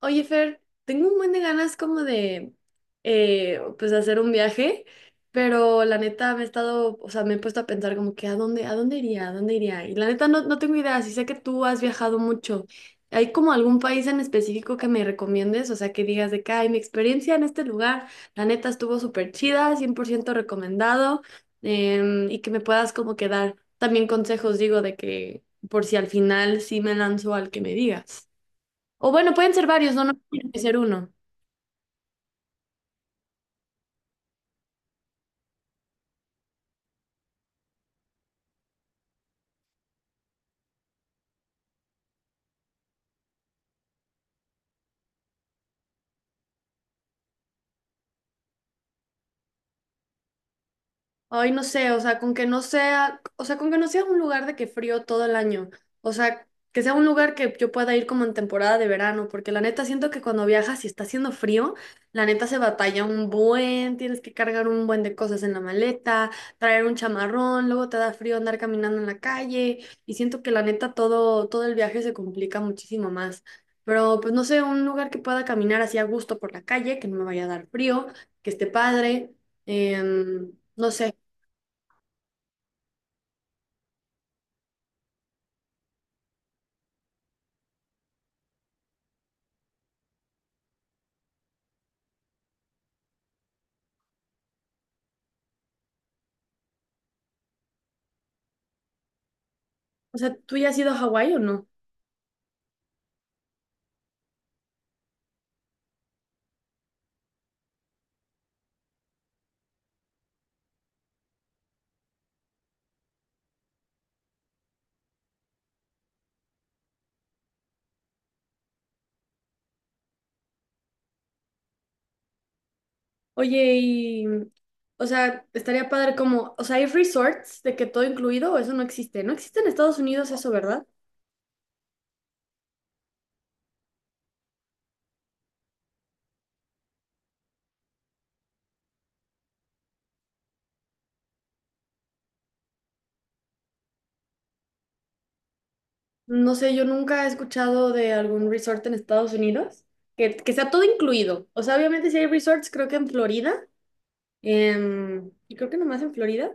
Oye, Fer, tengo un buen de ganas como de, pues, hacer un viaje, pero la neta me he estado, o sea, me he puesto a pensar como que, a dónde iría? ¿A dónde iría? Y la neta no, no tengo idea, sí sé que tú has viajado mucho. ¿Hay como algún país en específico que me recomiendes? O sea, que digas de que, ay, mi experiencia en este lugar, la neta estuvo súper chida, 100% recomendado, y que me puedas como que dar también consejos, digo, de que, por si al final sí me lanzo al que me digas. O bueno, pueden ser varios, no, no tiene que ser uno. Ay, no sé, o sea, con que no sea, o sea, con que no sea un lugar de que frío todo el año, o sea, que sea un lugar que yo pueda ir como en temporada de verano, porque la neta siento que cuando viajas y está haciendo frío, la neta se batalla un buen, tienes que cargar un buen de cosas en la maleta, traer un chamarrón, luego te da frío andar caminando en la calle, y siento que la neta todo, todo el viaje se complica muchísimo más. Pero pues no sé, un lugar que pueda caminar así a gusto por la calle, que no me vaya a dar frío, que esté padre, no sé. O sea, ¿tú ya has ido a Hawái o no? Oye, y, o sea, estaría padre como, o sea, ¿hay resorts de que todo incluido o eso no existe? No existe en Estados Unidos eso, ¿verdad? No sé, yo nunca he escuchado de algún resort en Estados Unidos que sea todo incluido. O sea, obviamente si hay resorts, creo que en Florida, y creo que nomás en Florida,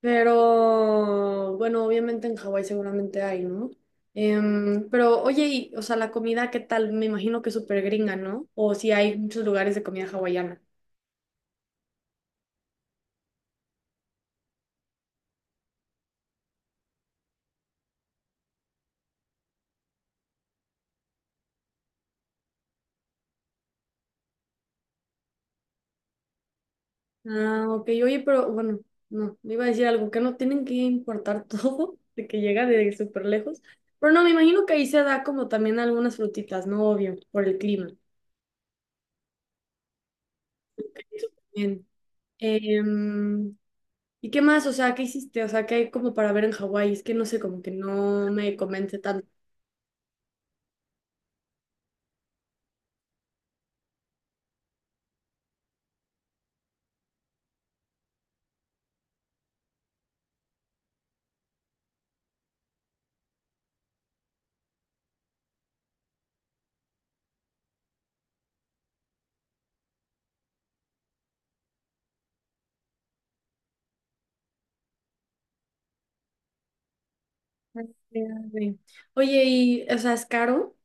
pero bueno, obviamente en Hawái seguramente hay, ¿no? Pero oye, y, o sea, la comida, ¿qué tal? Me imagino que es súper gringa, ¿no? O si hay muchos lugares de comida hawaiana. Ah, ok, oye, pero bueno, no, me iba a decir algo, que no tienen que importar todo, de que llega de súper lejos. Pero no, me imagino que ahí se da como también algunas frutitas, ¿no? Obvio, por el clima. Eso también. Em, ¿Y qué más? O sea, ¿qué hiciste? O sea, ¿qué hay como para ver en Hawái? Es que no sé, como que no me convence tanto. Ah, sí. Oye, y, o sea, ¿es caro?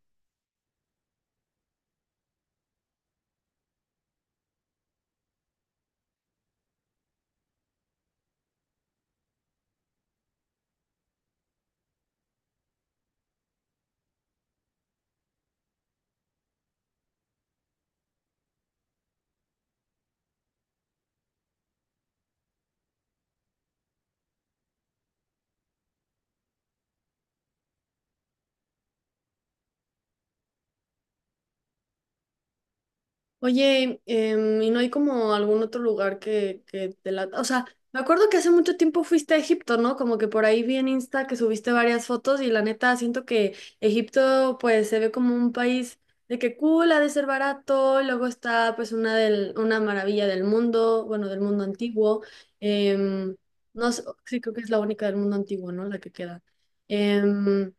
Oye, ¿y no hay como algún otro lugar que te la... O sea, me acuerdo que hace mucho tiempo fuiste a Egipto, ¿no? Como que por ahí vi en Insta que subiste varias fotos y la neta siento que Egipto pues se ve como un país de que cool, ha de ser barato, luego está pues una, del, una maravilla del mundo, bueno, del mundo antiguo. em, no sé, sí, creo que es la única del mundo antiguo, ¿no? La que queda. Em,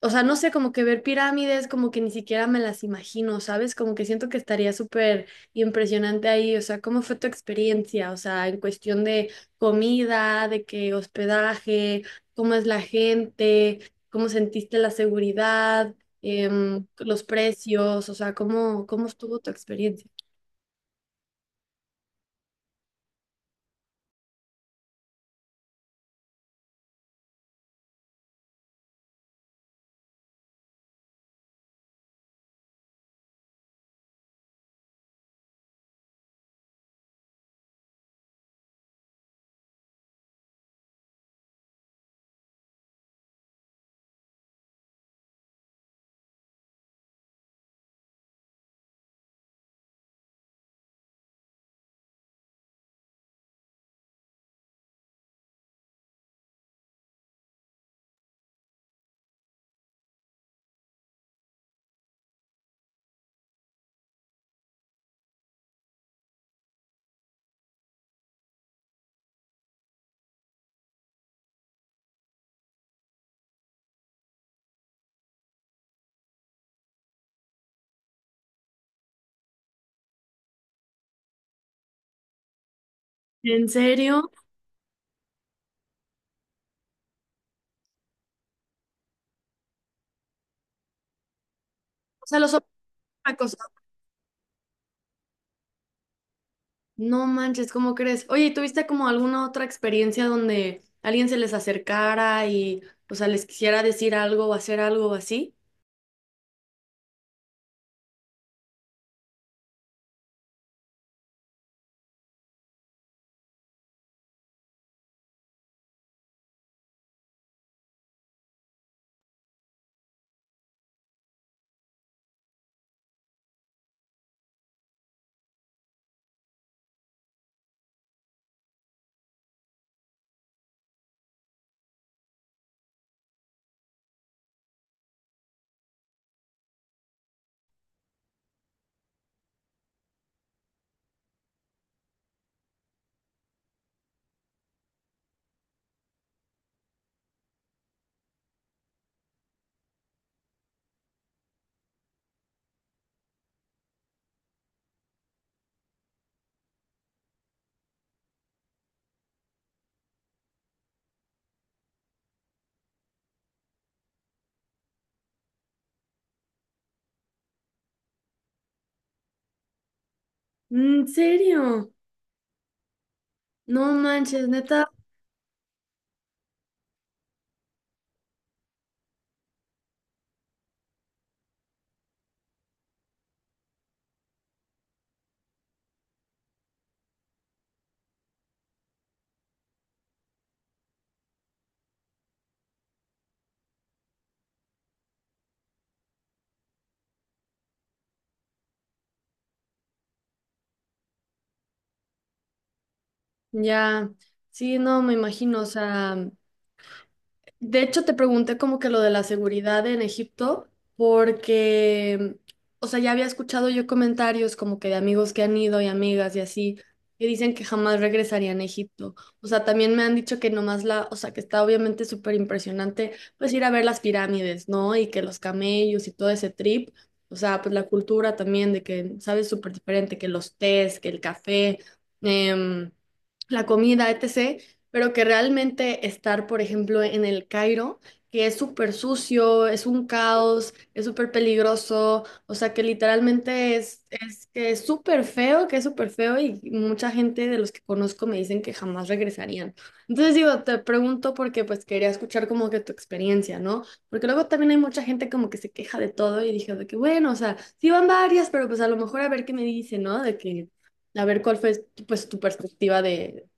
o sea, no sé, como que ver pirámides, como que ni siquiera me las imagino, ¿sabes? Como que siento que estaría súper impresionante ahí, o sea, ¿cómo fue tu experiencia? O sea, en cuestión de comida, de qué hospedaje, cómo es la gente, cómo sentiste la seguridad, los precios, o sea, ¿cómo, cómo estuvo tu experiencia? ¿En serio? O sea, los tacos. No manches, ¿cómo crees? Oye, ¿y tuviste como alguna otra experiencia donde alguien se les acercara y, o sea, les quisiera decir algo o hacer algo así? ¿En serio? No manches, neta. Ya, sí, no, me imagino, o sea, de hecho, te pregunté como que lo de la seguridad en Egipto, porque, o sea, ya había escuchado yo comentarios como que de amigos que han ido y amigas y así, que dicen que jamás regresarían a Egipto. O sea, también me han dicho que nomás la, o sea, que está obviamente súper impresionante, pues ir a ver las pirámides, ¿no? Y que los camellos y todo ese trip, o sea, pues la cultura también de que, ¿sabes? Súper diferente, que los tés, que el café. em, la comida, etc., pero que realmente estar, por ejemplo, en el Cairo, que es súper sucio, es un caos, es súper peligroso, o sea, que literalmente es que es súper feo, que es súper feo y mucha gente de los que conozco me dicen que jamás regresarían. Entonces digo, te pregunto porque pues quería escuchar como que tu experiencia, ¿no? Porque luego también hay mucha gente como que se queja de todo y dije de que bueno, o sea, sí van varias, pero pues a lo mejor a ver qué me dice, ¿no? De que a ver cuál fue pues tu perspectiva de,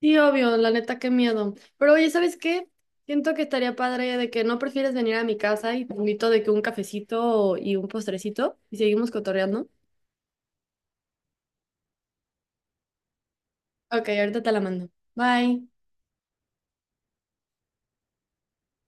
sí, obvio, la neta, qué miedo. Pero oye, ¿sabes qué? Siento que estaría padre de que no prefieres venir a mi casa y te invito de que un cafecito y un postrecito y seguimos cotorreando. Ok, ahorita te la mando. Bye.